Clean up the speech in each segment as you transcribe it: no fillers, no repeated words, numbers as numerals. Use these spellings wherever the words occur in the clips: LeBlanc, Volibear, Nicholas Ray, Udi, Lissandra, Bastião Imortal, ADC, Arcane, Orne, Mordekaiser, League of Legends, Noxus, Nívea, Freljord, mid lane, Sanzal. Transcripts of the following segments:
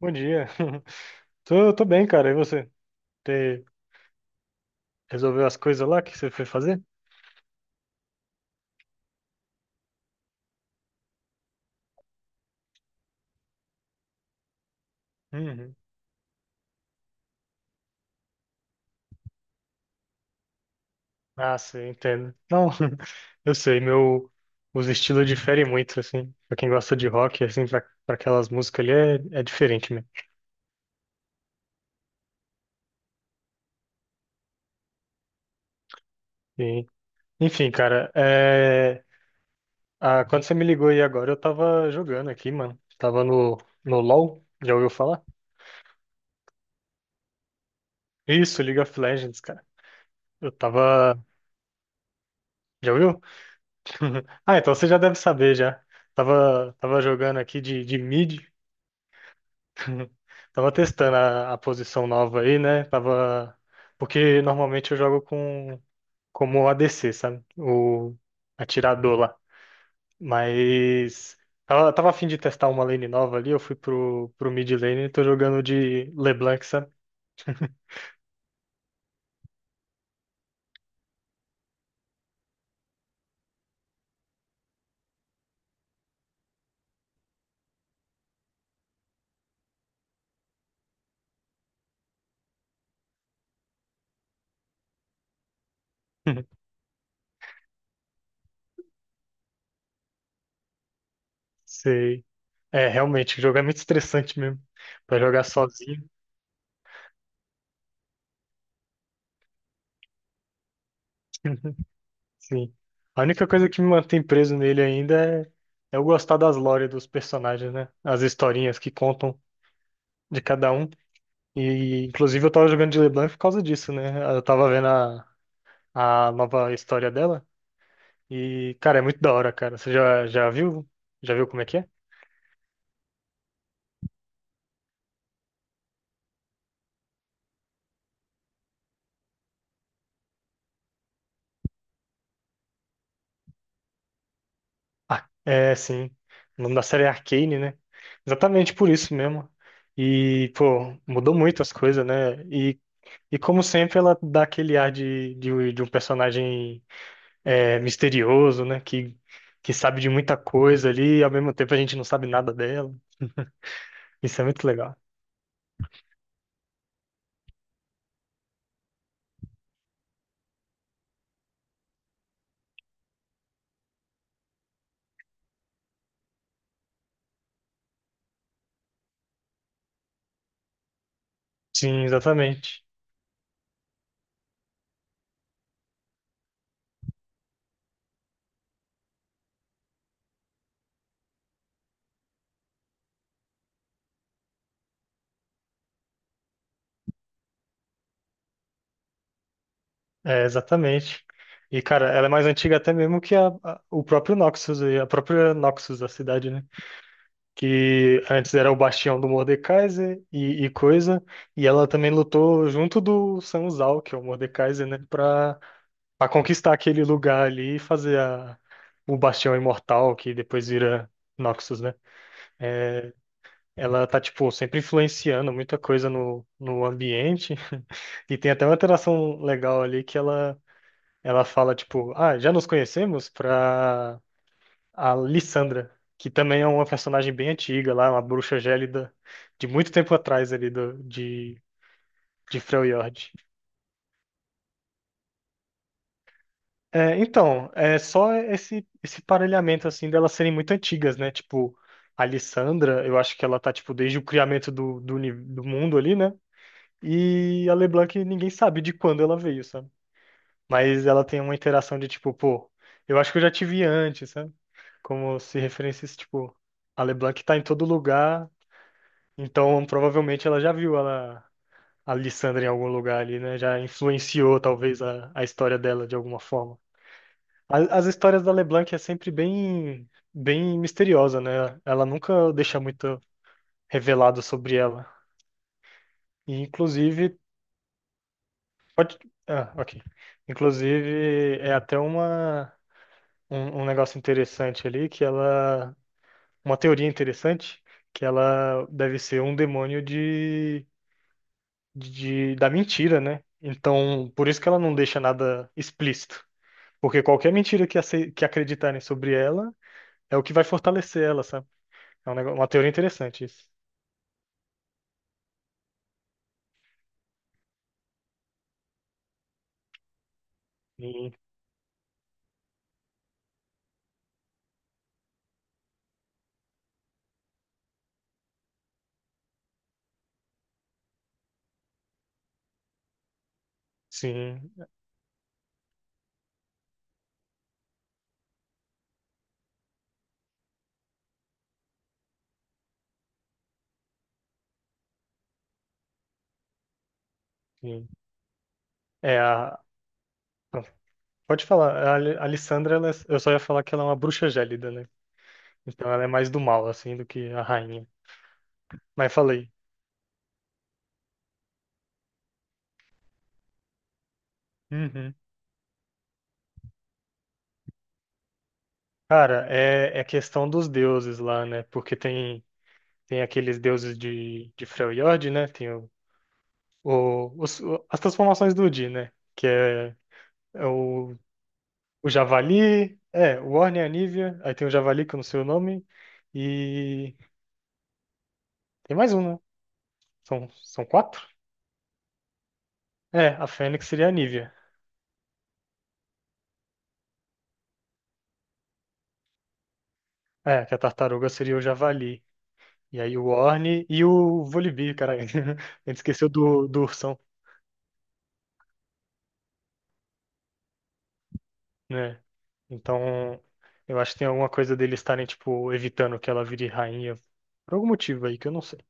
Bom dia. Tô bem, cara. E você? Te Resolveu as coisas lá que você foi fazer? Uhum. Ah, sim, entendo. Não, eu sei, meu, os estilos diferem muito, assim. Pra quem gosta de rock, assim, pra aquelas músicas ali é diferente mesmo. E, enfim, cara, é, ah, quando você me ligou aí agora, eu tava jogando aqui, mano. Tava no LoL, já ouviu falar? Isso, League of Legends, cara. Eu tava. Já ouviu? Ah, então você já deve saber já. Tava jogando aqui de mid. Tava testando a posição nova aí, né? Tava. Porque normalmente eu jogo com como ADC, sabe? O atirador lá. Mas tava a fim de testar uma lane nova ali, eu fui pro mid lane e tô jogando de LeBlanc, sabe? Sei. É, realmente, o jogo é muito estressante mesmo. Pra jogar sozinho. Sim. A única coisa que me mantém preso nele ainda é eu gostar das lore dos personagens, né? As historinhas que contam de cada um. E, inclusive, eu tava jogando de LeBlanc por causa disso, né? Eu tava vendo a nova história dela. E, cara, é muito da hora, cara. Você já, já viu? Já viu como é que é? Ah, é, sim. O nome da série é Arcane, né? Exatamente por isso mesmo. E, pô, mudou muito as coisas, né? E como sempre, ela dá aquele ar de um personagem é, misterioso, né? Que sabe de muita coisa ali, e ao mesmo tempo a gente não sabe nada dela. Isso é muito legal. Sim, exatamente. É, exatamente. E, cara, ela é mais antiga até mesmo que a- o próprio Noxus, e a própria Noxus, da cidade, né? Que antes era o bastião do Mordekaiser e coisa, e ela também lutou junto do Sanzal, que é o Mordekaiser, né? Pra conquistar aquele lugar ali e fazer o Bastião Imortal, que depois vira Noxus, né? É, ela tá, tipo, sempre influenciando muita coisa no ambiente. E tem até uma interação legal ali que ela fala, tipo, ah, já nos conhecemos pra a Lissandra, que também é uma personagem bem antiga lá, uma bruxa gélida de muito tempo atrás ali de Freljord. É, então, é só esse parelhamento, assim, delas serem muito antigas, né? Tipo, a Lissandra, eu acho que ela tá, tipo, desde o criamento do mundo ali, né? E a LeBlanc, ninguém sabe de quando ela veio, sabe? Mas ela tem uma interação de, tipo, pô, eu acho que eu já te vi antes, sabe? Como se referências, tipo, a LeBlanc tá em todo lugar, então provavelmente ela já viu ela, a Lissandra em algum lugar ali, né? Já influenciou, talvez, a história dela de alguma forma. As histórias da LeBlanc é sempre bem misteriosa, né? Ela nunca deixa muito revelado sobre ela. E, inclusive, pode... Ah, ok. Inclusive, é até um negócio interessante ali, que ela... Uma teoria interessante, que ela deve ser um demônio da mentira, né? Então, por isso que ela não deixa nada explícito. Porque qualquer mentira que acreditarem sobre ela é o que vai fortalecer ela, sabe? É um negócio, uma teoria interessante isso. Sim, sim. Sim. É a, pode falar, a Alissandra, eu só ia falar que ela é uma bruxa gélida, né? Então ela é mais do mal, assim, do que a rainha. Mas falei. Uhum. Cara, é, é questão dos deuses lá, né? Porque tem aqueles deuses de Freljord, né? Tem as transformações do Udi, né? É o Javali, é, o Orne e a Nívea, aí tem o Javali, que eu não sei o nome, e tem mais um, né? São quatro? É, a Fênix seria a Nívea. É, que a tartaruga seria o javali. E aí o Orne e o Volibear, caralho. A gente esqueceu do ursão, né? Então, eu acho que tem alguma coisa deles estarem, tipo, evitando que ela vire rainha. Por algum motivo aí que eu não sei.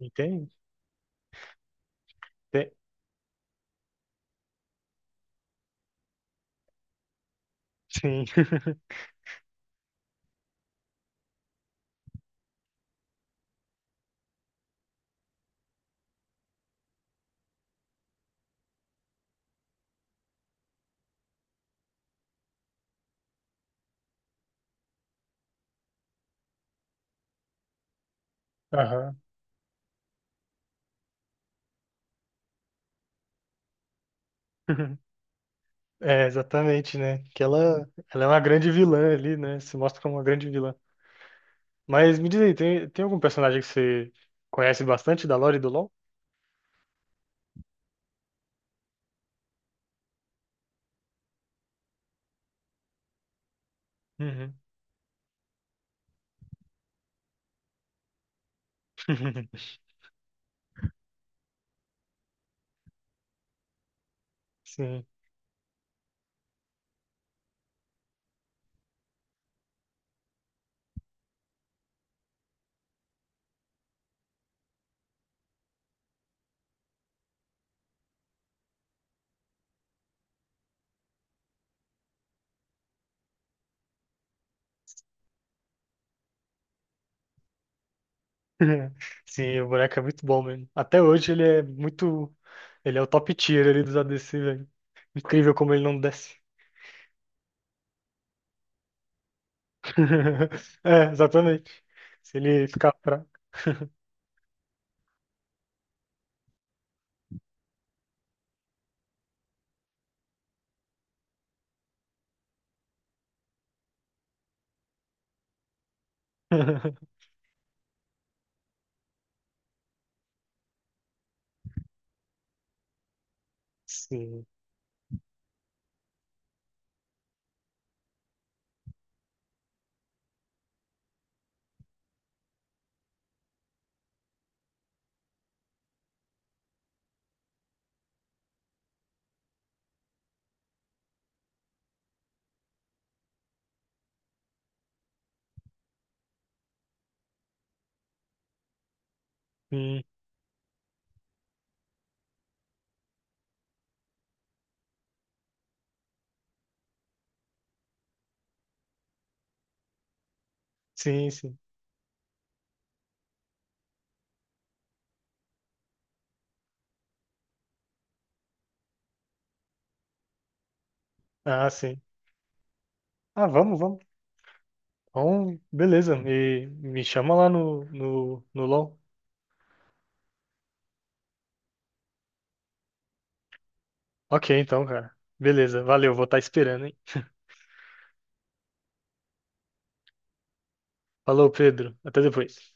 Entende? Tem- Sim. Aham. É, exatamente, né? Ela é uma grande vilã ali, né? Se mostra como uma grande vilã. Mas me diz aí, tem algum personagem que você conhece bastante da lore do LoL? Uhum. Sim. Sim, o boneco é muito bom mesmo. Até hoje ele é muito. Ele é o top tier ali dos ADC, velho. Incrível como ele não desce. É, exatamente. Se ele ficar fraco. Sim, sim, sim. Sim. Ah, sim. Ah, vamos, vamos. Bom, beleza. Me chama lá no LOL. Ok, então, cara. Beleza, valeu, vou estar esperando, hein? Falou, Pedro. Até depois.